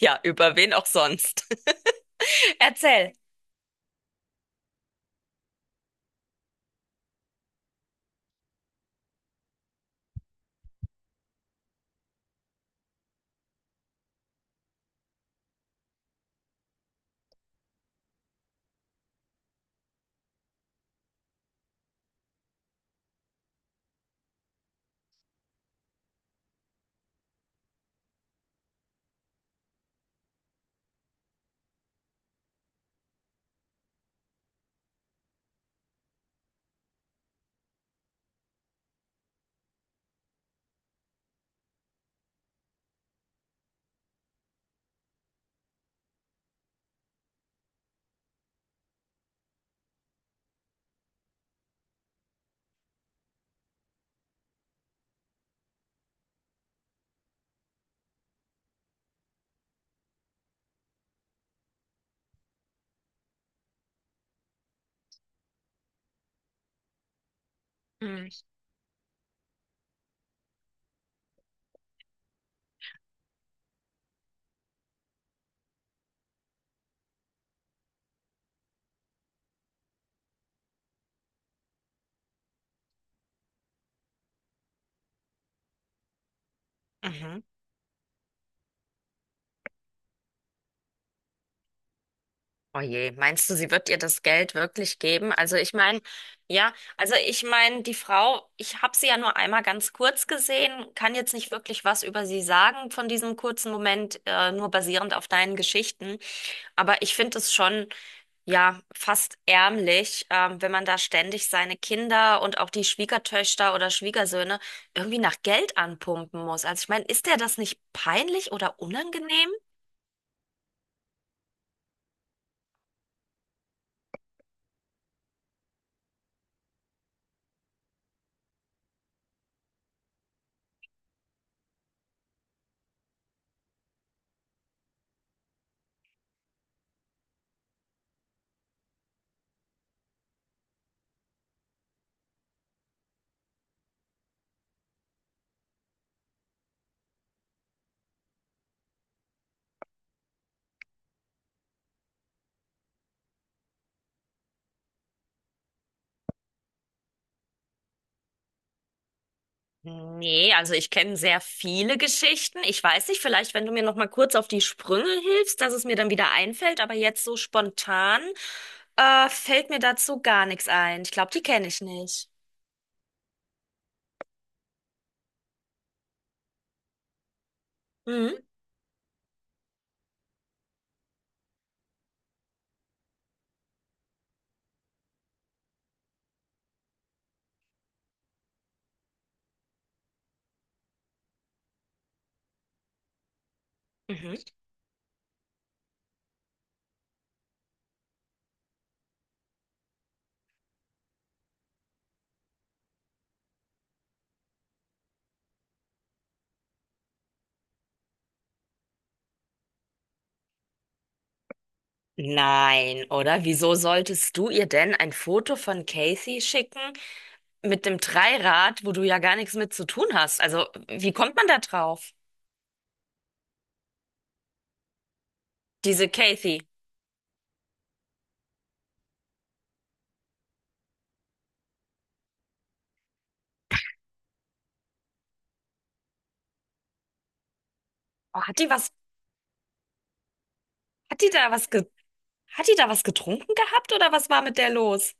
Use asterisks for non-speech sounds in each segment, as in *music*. Ja, über wen auch sonst. *laughs* Erzähl. Hm. Mhm. Oh je, meinst du, sie wird ihr das Geld wirklich geben? Also ich meine, ja, also ich meine, die Frau, ich habe sie ja nur einmal ganz kurz gesehen, kann jetzt nicht wirklich was über sie sagen von diesem kurzen Moment, nur basierend auf deinen Geschichten. Aber ich finde es schon, ja, fast ärmlich, wenn man da ständig seine Kinder und auch die Schwiegertöchter oder Schwiegersöhne irgendwie nach Geld anpumpen muss. Also ich meine, ist der das nicht peinlich oder unangenehm? Nee, also ich kenne sehr viele Geschichten. Ich weiß nicht, vielleicht, wenn du mir noch mal kurz auf die Sprünge hilfst, dass es mir dann wieder einfällt, aber jetzt so spontan, fällt mir dazu gar nichts ein. Ich glaube, die kenne ich nicht. Mhm. Mhm. Nein, oder? Wieso solltest du ihr denn ein Foto von Casey schicken? Mit dem Dreirad, wo du ja gar nichts mit zu tun hast. Also, wie kommt man da drauf? Diese Kathy. Oh, hat die da was ge, hat die da was getrunken gehabt oder was war mit der los?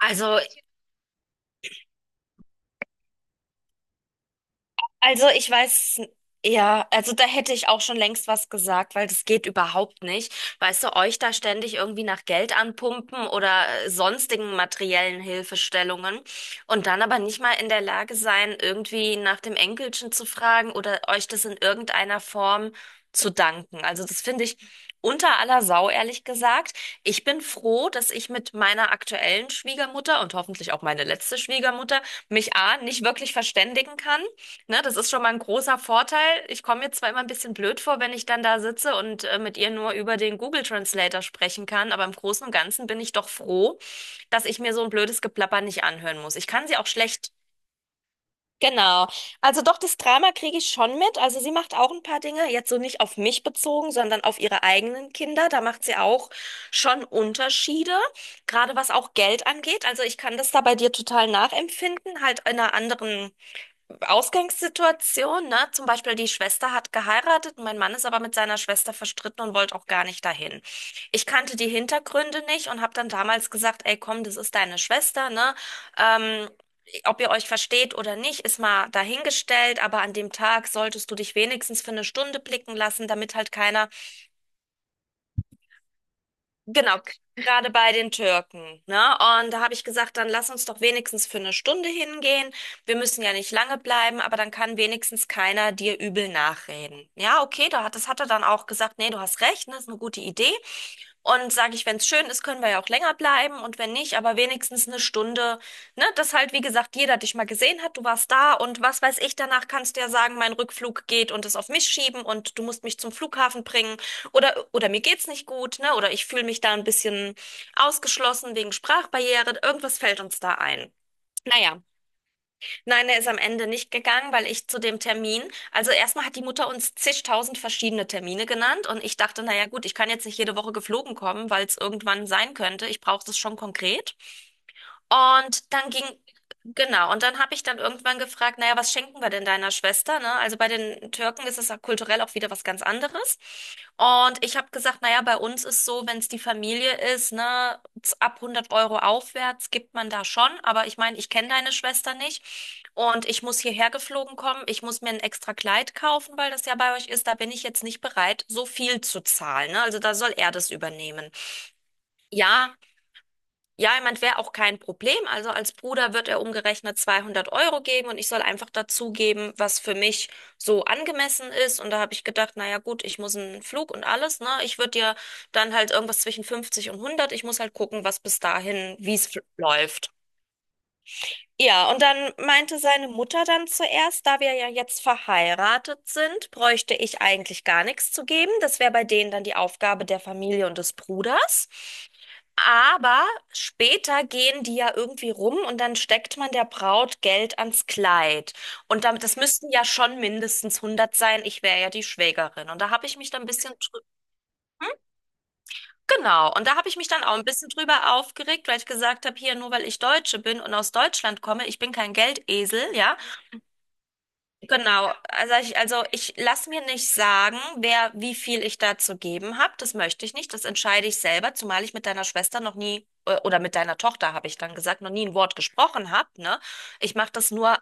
Also Also ich weiß, ja, also da hätte ich auch schon längst was gesagt, weil das geht überhaupt nicht. Weißt du, euch da ständig irgendwie nach Geld anpumpen oder sonstigen materiellen Hilfestellungen und dann aber nicht mal in der Lage sein, irgendwie nach dem Enkelchen zu fragen oder euch das in irgendeiner Form zu danken. Also das finde ich unter aller Sau, ehrlich gesagt. Ich bin froh, dass ich mit meiner aktuellen Schwiegermutter und hoffentlich auch meine letzte Schwiegermutter mich A, nicht wirklich verständigen kann. Ne, das ist schon mal ein großer Vorteil. Ich komme mir zwar immer ein bisschen blöd vor, wenn ich dann da sitze und mit ihr nur über den Google Translator sprechen kann, aber im Großen und Ganzen bin ich doch froh, dass ich mir so ein blödes Geplapper nicht anhören muss. Ich kann sie auch schlecht. Genau. Also doch, das Drama kriege ich schon mit. Also sie macht auch ein paar Dinge, jetzt so nicht auf mich bezogen, sondern auf ihre eigenen Kinder. Da macht sie auch schon Unterschiede, gerade was auch Geld angeht. Also ich kann das da bei dir total nachempfinden, halt in einer anderen Ausgangssituation, ne? Zum Beispiel die Schwester hat geheiratet, mein Mann ist aber mit seiner Schwester verstritten und wollte auch gar nicht dahin. Ich kannte die Hintergründe nicht und habe dann damals gesagt, ey, komm, das ist deine Schwester, ne? Ähm, ob ihr euch versteht oder nicht, ist mal dahingestellt, aber an dem Tag solltest du dich wenigstens für eine Stunde blicken lassen, damit halt keiner. Genau, gerade bei den Türken, ne? Und da habe ich gesagt, dann lass uns doch wenigstens für eine Stunde hingehen. Wir müssen ja nicht lange bleiben, aber dann kann wenigstens keiner dir übel nachreden. Ja, okay, da hat, das hat er dann auch gesagt, nee, du hast recht, ne, ist eine gute Idee. Und sage ich, wenn es schön ist, können wir ja auch länger bleiben und wenn nicht, aber wenigstens eine Stunde, ne? Dass halt, wie gesagt, jeder dich mal gesehen hat, du warst da und was weiß ich, danach kannst du ja sagen, mein Rückflug geht und es auf mich schieben und du musst mich zum Flughafen bringen oder mir geht's nicht gut, ne? Oder ich fühle mich da ein bisschen ausgeschlossen wegen Sprachbarriere. Irgendwas fällt uns da ein. Naja. Nein, er ist am Ende nicht gegangen, weil ich zu dem Termin, also erstmal hat die Mutter uns zigtausend verschiedene Termine genannt und ich dachte, naja gut, ich kann jetzt nicht jede Woche geflogen kommen, weil es irgendwann sein könnte. Ich brauche das schon konkret. Und dann ging, genau, und dann habe ich dann irgendwann gefragt, naja, was schenken wir denn deiner Schwester, ne? Also bei den Türken ist es auch kulturell auch wieder was ganz anderes. Und ich habe gesagt, naja, bei uns ist so, wenn es die Familie ist, ne, ab 100 Euro aufwärts gibt man da schon. Aber ich meine, ich kenne deine Schwester nicht. Und ich muss hierher geflogen kommen. Ich muss mir ein extra Kleid kaufen, weil das ja bei euch ist. Da bin ich jetzt nicht bereit, so viel zu zahlen, ne? Also da soll er das übernehmen. Ja, ja, ich meine, wäre auch kein Problem. Also als Bruder wird er umgerechnet 200 Euro geben und ich soll einfach dazugeben, was für mich so angemessen ist. Und da habe ich gedacht, naja gut, ich muss einen Flug und alles, ne? Ich würde dir dann halt irgendwas zwischen 50 und 100. Ich muss halt gucken, was bis dahin, wie es läuft. Ja, und dann meinte seine Mutter dann zuerst, da wir ja jetzt verheiratet sind, bräuchte ich eigentlich gar nichts zu geben. Das wäre bei denen dann die Aufgabe der Familie und des Bruders. Aber später gehen die ja irgendwie rum und dann steckt man der Braut Geld ans Kleid. Und damit, das müssten ja schon mindestens 100 sein. Ich wäre ja die Schwägerin. Und da habe ich mich dann ein bisschen genau. Und da habe ich mich dann auch ein bisschen drüber aufgeregt, weil ich gesagt habe, hier nur weil ich Deutsche bin und aus Deutschland komme, ich bin kein Geldesel, ja. Genau, also ich lasse mir nicht sagen, wer wie viel ich da zu geben habe. Das möchte ich nicht. Das entscheide ich selber, zumal ich mit deiner Schwester noch nie oder mit deiner Tochter, habe ich dann gesagt, noch nie ein Wort gesprochen habe, ne? Ich mache das nur.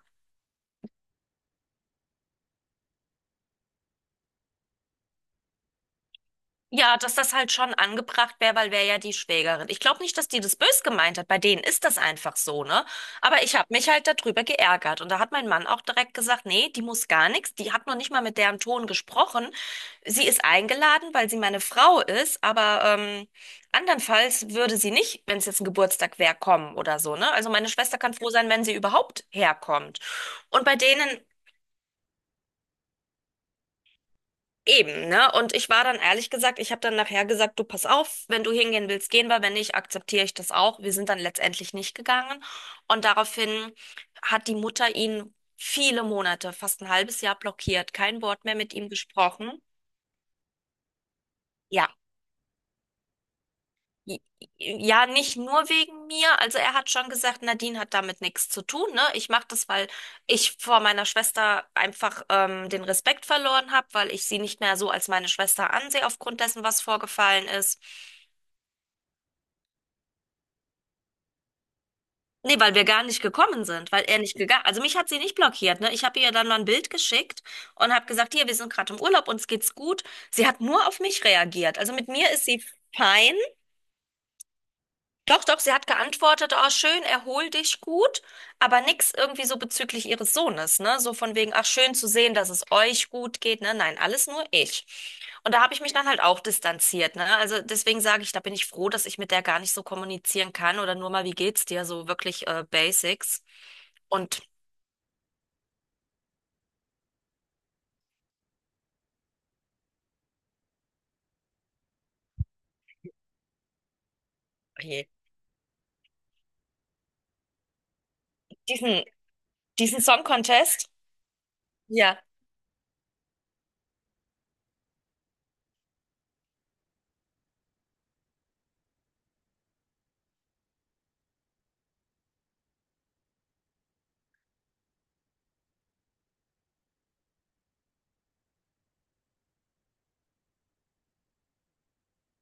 Ja, dass das halt schon angebracht wäre, weil wäre ja die Schwägerin. Ich glaube nicht, dass die das bös gemeint hat. Bei denen ist das einfach so, ne? Aber ich habe mich halt darüber geärgert. Und da hat mein Mann auch direkt gesagt, nee, die muss gar nichts. Die hat noch nicht mal mit deren Ton gesprochen. Sie ist eingeladen, weil sie meine Frau ist. Aber andernfalls würde sie nicht, wenn es jetzt ein Geburtstag wäre, kommen oder so, ne? Also meine Schwester kann froh sein, wenn sie überhaupt herkommt. Und bei denen Eben, ne? Und ich war dann ehrlich gesagt, ich habe dann nachher gesagt, du pass auf, wenn du hingehen willst, gehen wir, wenn nicht, akzeptiere ich das auch. Wir sind dann letztendlich nicht gegangen. Und daraufhin hat die Mutter ihn viele Monate, fast ein halbes Jahr blockiert, kein Wort mehr mit ihm gesprochen. Ja, i- ja, nicht nur wegen mir. Also er hat schon gesagt, Nadine hat damit nichts zu tun, ne? Ich mache das, weil ich vor meiner Schwester einfach den Respekt verloren habe, weil ich sie nicht mehr so als meine Schwester ansehe aufgrund dessen, was vorgefallen ist. Nee, weil wir gar nicht gekommen sind, weil er nicht gegangen. Also mich hat sie nicht blockiert, ne? Ich habe ihr dann mal ein Bild geschickt und habe gesagt, hier, wir sind gerade im Urlaub, uns geht's gut. Sie hat nur auf mich reagiert. Also mit mir ist sie fein, doch, doch, sie hat geantwortet, oh, schön, erhol dich gut, aber nix irgendwie so bezüglich ihres Sohnes, ne? So von wegen, ach, schön zu sehen, dass es euch gut geht, ne? Nein, alles nur ich. Und da habe ich mich dann halt auch distanziert, ne? Also deswegen sage ich, da bin ich froh, dass ich mit der gar nicht so kommunizieren kann oder nur mal, wie geht's dir, so wirklich Basics. Und oh je, diesen, diesen Song Contest, ja.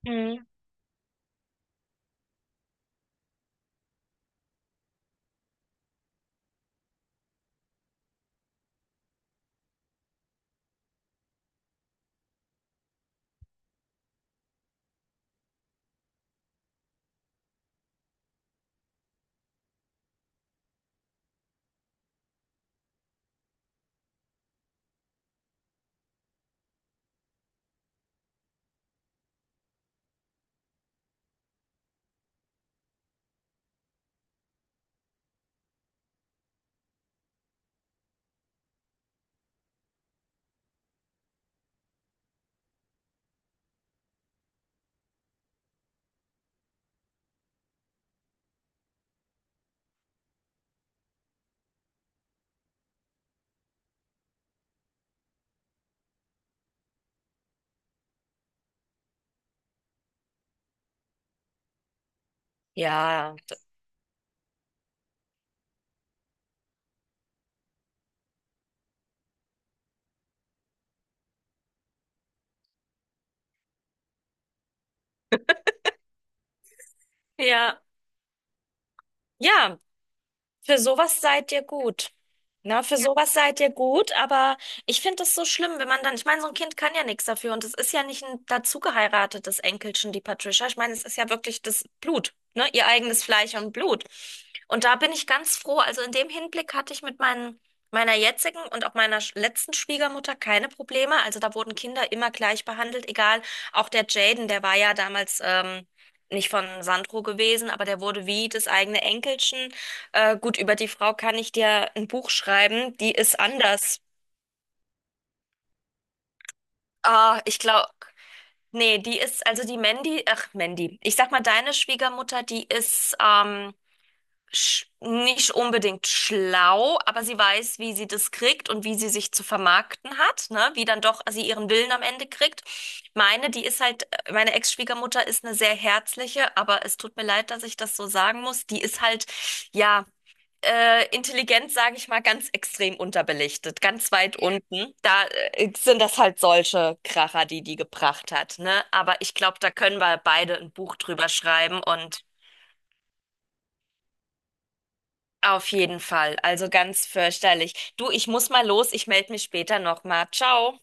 Mhm. Ja. Ja. Ja, für sowas seid ihr gut. Na, für Ja. sowas seid ihr gut, aber ich finde es so schlimm, wenn man dann, ich meine, so ein Kind kann ja nichts dafür und es ist ja nicht ein dazu geheiratetes Enkelchen, die Patricia. Ich meine, es ist ja wirklich das Blut, ne? Ihr eigenes Fleisch und Blut. Und da bin ich ganz froh. Also in dem Hinblick hatte ich mit meiner jetzigen und auch meiner letzten Schwiegermutter keine Probleme. Also da wurden Kinder immer gleich behandelt, egal. Auch der Jaden, der war ja damals, nicht von Sandro gewesen, aber der wurde wie das eigene Enkelchen. Gut, über die Frau kann ich dir ein Buch schreiben. Die ist anders. Ah, ich glaube, nee, die ist, also die Mandy, ach, Mandy. Ich sag mal, deine Schwiegermutter, die ist sch nicht unbedingt schlau, aber sie weiß, wie sie das kriegt und wie sie sich zu vermarkten hat, ne? Wie dann doch sie ihren Willen am Ende kriegt. Meine, die ist halt, meine Ex-Schwiegermutter ist eine sehr herzliche, aber es tut mir leid, dass ich das so sagen muss. Die ist halt, ja, Intelligenz, sage ich mal, ganz extrem unterbelichtet, ganz weit unten. Da sind das halt solche Kracher, die die gebracht hat, ne? Aber ich glaube, da können wir beide ein Buch drüber schreiben und auf jeden Fall. Also ganz fürchterlich. Du, ich muss mal los. Ich melde mich später nochmal. Ciao.